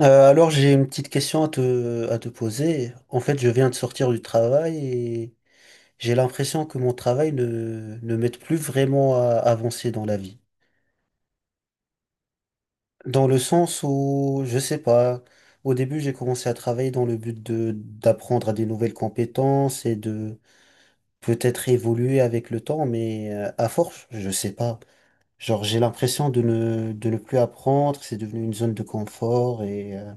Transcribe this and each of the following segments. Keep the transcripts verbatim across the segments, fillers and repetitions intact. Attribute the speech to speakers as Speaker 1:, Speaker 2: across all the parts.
Speaker 1: Euh, alors j'ai une petite question à te, à te poser. En fait, je viens de sortir du travail et j'ai l'impression que mon travail ne, ne m'aide plus vraiment à avancer dans la vie. Dans le sens où, je sais pas, au début j'ai commencé à travailler dans le but de d'apprendre à des nouvelles compétences et de peut-être évoluer avec le temps, mais euh, à force, je sais pas. Genre j'ai l'impression de ne, de ne plus apprendre, c'est devenu une zone de confort et... euh,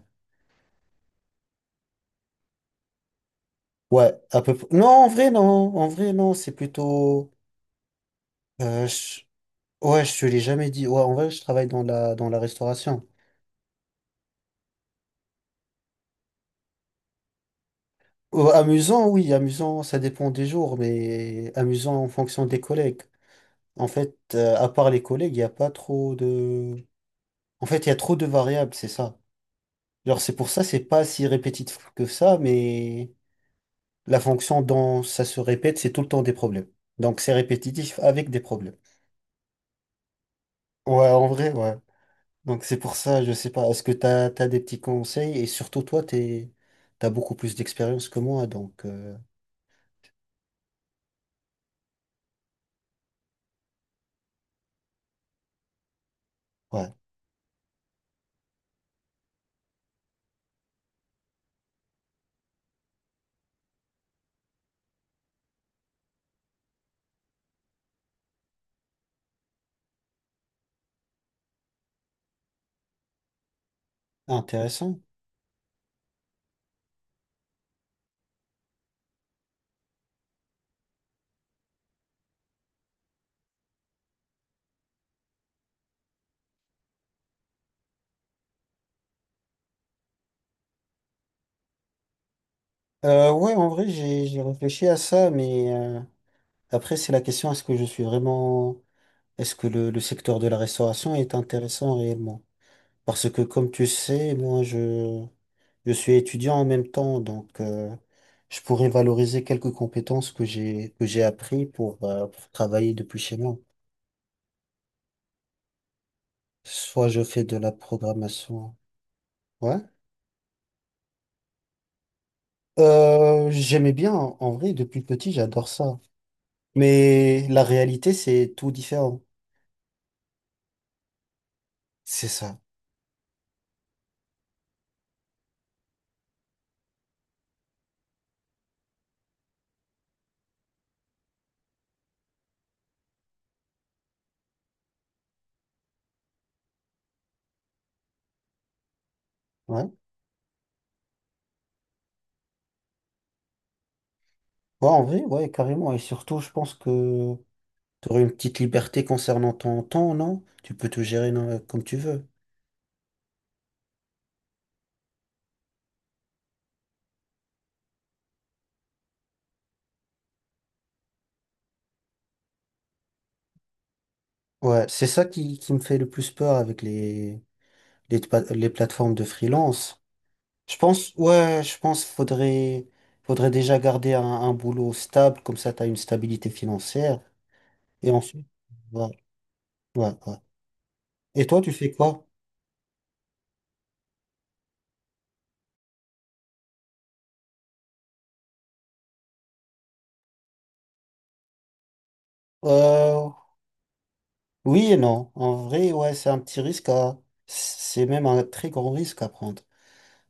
Speaker 1: Ouais, à peu près. Non, en vrai, non. En vrai, non, c'est plutôt. euh, je- Ouais, je te l'ai jamais dit. Ouais, en vrai, je travaille dans la, dans la restauration. Euh, amusant, oui, amusant, ça dépend des jours, mais amusant en fonction des collègues. En fait, euh, à part les collègues, il n'y a pas trop de. En fait, il y a trop de variables, c'est ça. Genre, c'est pour ça, c'est pas si répétitif que ça, mais la fonction dont ça se répète, c'est tout le temps des problèmes. Donc, c'est répétitif avec des problèmes. Ouais, en vrai, ouais. Donc c'est pour ça, je sais pas, est-ce que t'as, t'as des petits conseils? Et surtout toi, t'es, t'as beaucoup plus d'expérience que moi, donc euh, ouais, intéressant. Euh, ouais, en vrai, j'ai, j'ai réfléchi à ça, mais euh, après c'est la question, est-ce que je suis vraiment, est-ce que le, le secteur de la restauration est intéressant réellement? Parce que comme tu sais, moi je, je suis étudiant en même temps, donc euh, je pourrais valoriser quelques compétences que j'ai, que j'ai appris pour, euh, pour travailler depuis chez moi. Soit je fais de la programmation. Ouais. Euh, j'aimais bien, en en vrai, depuis petit, j'adore ça. Mais la réalité, c'est tout différent. C'est ça. Ouais. Ouais, en vrai, ouais, carrément. Et surtout, je pense que tu aurais une petite liberté concernant ton temps, non? Tu peux te gérer non, comme tu veux. Ouais, c'est ça qui, qui me fait le plus peur avec les, les, pa- les plateformes de freelance. Je pense, ouais, je pense faudrait, faudrait déjà garder un, un boulot stable, comme ça tu as une stabilité financière. Et ensuite, ouais, ouais, ouais. Et toi, tu fais quoi? Euh, oui et non. En vrai, ouais, c'est un petit risque à... C'est même un très grand risque à prendre.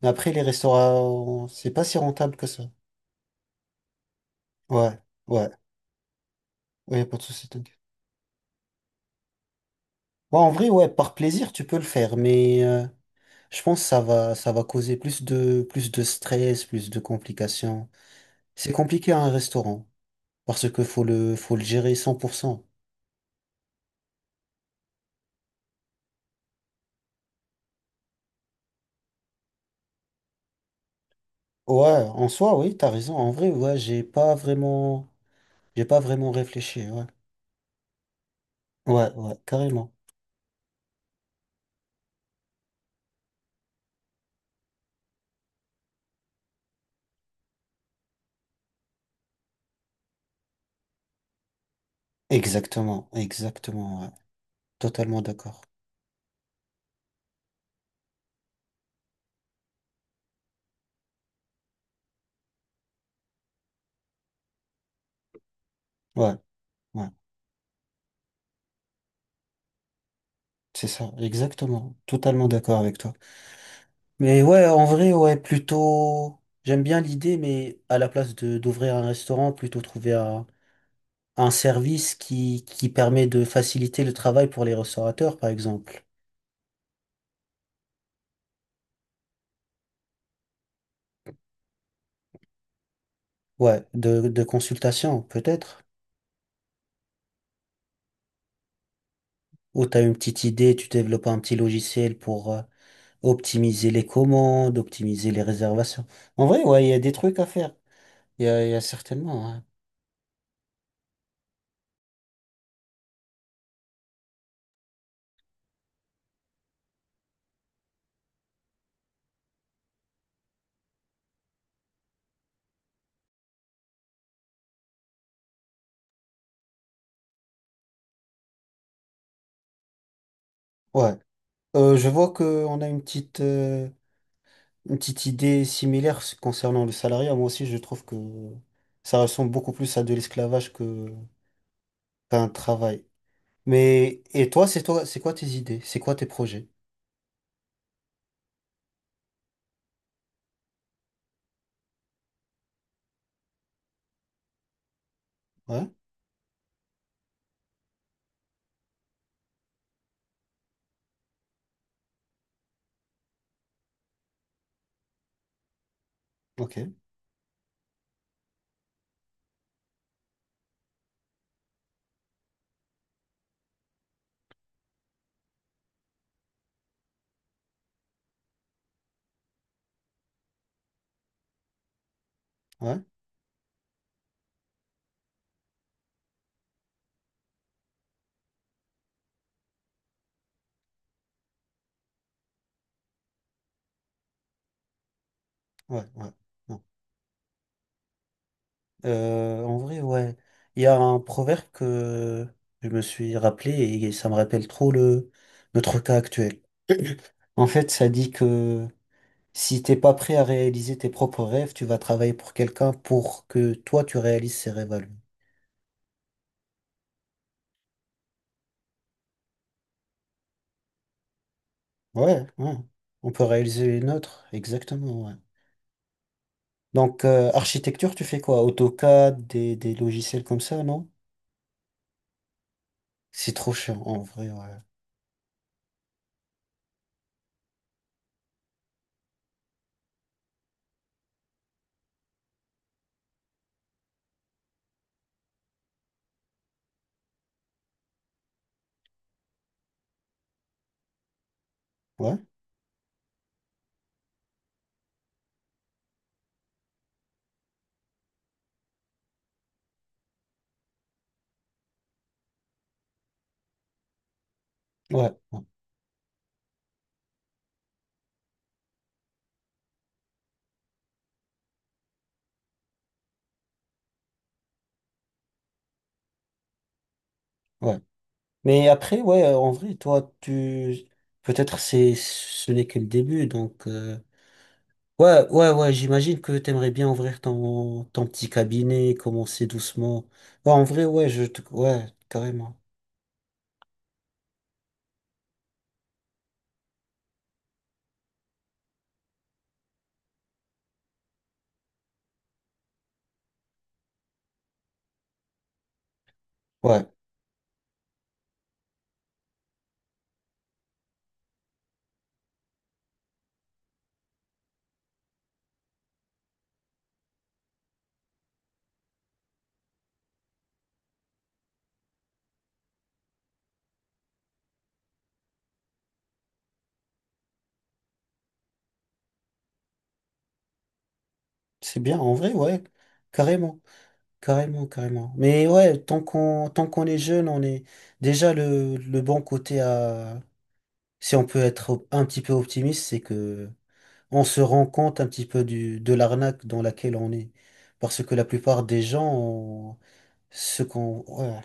Speaker 1: Mais après, les restaurants, c'est pas si rentable que ça. Ouais, ouais, ouais, pas de souci, t'inquiète. Ouais, en vrai, ouais, par plaisir, tu peux le faire, mais euh, je pense que ça va, ça va causer plus de, plus de stress, plus de complications. C'est compliqué à un restaurant, parce que faut le, faut le gérer cent pour cent. Ouais, en soi, oui, t'as raison. En vrai, ouais, j'ai pas vraiment... J'ai pas vraiment réfléchi, ouais. Ouais, ouais, carrément. Exactement, exactement, ouais. Totalement d'accord. Ouais, ouais, c'est ça, exactement. Totalement d'accord avec toi. Mais ouais, en vrai, ouais, plutôt... J'aime bien l'idée, mais à la place de d'ouvrir un restaurant, plutôt trouver un, un service qui, qui permet de faciliter le travail pour les restaurateurs, par exemple. Ouais, de, de consultation, peut-être. Ou t'as une petite idée, tu développes un petit logiciel pour... euh, optimiser les commandes, optimiser les réservations. En vrai, ouais, il y a des trucs à faire. Il y a, il y a certainement. Ouais. Ouais. Euh, je vois qu'on a une petite, euh, une petite idée similaire s- concernant le salariat. Moi aussi, je trouve que ça ressemble beaucoup plus à de l'esclavage que qu'à un travail. Mais, et toi, c'est toi, c'est quoi tes idées? C'est quoi tes projets? Ouais? Ok. Ouais? Ouais, ouais. Euh, en vrai, ouais. Il y a un proverbe que je me suis rappelé et ça me rappelle trop le, notre cas actuel. En fait, ça dit que si t'es pas prêt à réaliser tes propres rêves, tu vas travailler pour quelqu'un pour que toi tu réalises ses rêves à lui. Ouais, ouais. On peut réaliser les nôtres, exactement, ouais. Donc, euh, architecture, tu fais quoi? AutoCAD, des, des logiciels comme ça, non? C'est trop chiant, en vrai, ouais. Ouais? Ouais, ouais, ouais. Mais après, ouais, euh, en vrai, toi, tu, peut-être c'est, ce n'est que le début, donc, euh, ouais, ouais, ouais, j'imagine que t'aimerais bien ouvrir ton, ton petit cabinet, commencer doucement. Ouais, en vrai, ouais, je, te- ouais, carrément. Ouais, c'est bien, en vrai, ouais, carrément, carrément, carrément. Mais ouais, tant qu'on, tant qu'on est jeune, on est déjà le, le bon côté à, si on peut être op- un petit peu optimiste, c'est que on se rend compte un petit peu du, de l'arnaque dans laquelle on est. Parce que la plupart des gens, ont- ce qu'on... Ouais.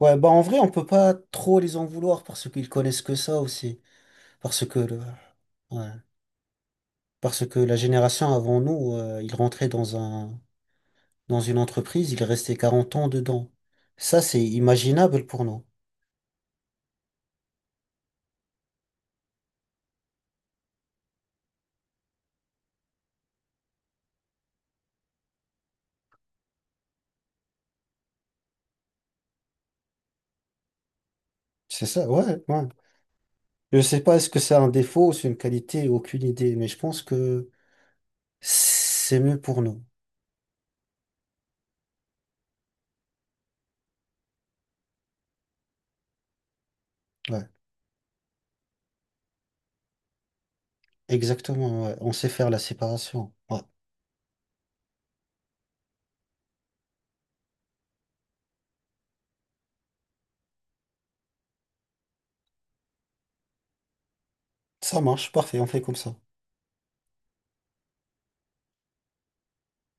Speaker 1: Ouais, bah en vrai, on peut pas trop les en vouloir parce qu'ils connaissent que ça aussi. Parce que le... ouais. Parce que la génération avant nous, euh, ils rentraient dans un... dans une entreprise, ils restaient quarante ans dedans. Ça, c'est imaginable pour nous. C'est ça, ouais, ouais. Je sais pas est-ce que c'est un défaut ou c'est une qualité, aucune idée, mais je pense que c'est mieux pour nous. Ouais. Exactement, ouais. On sait faire la séparation. Ouais. Ça marche, parfait, on fait comme ça.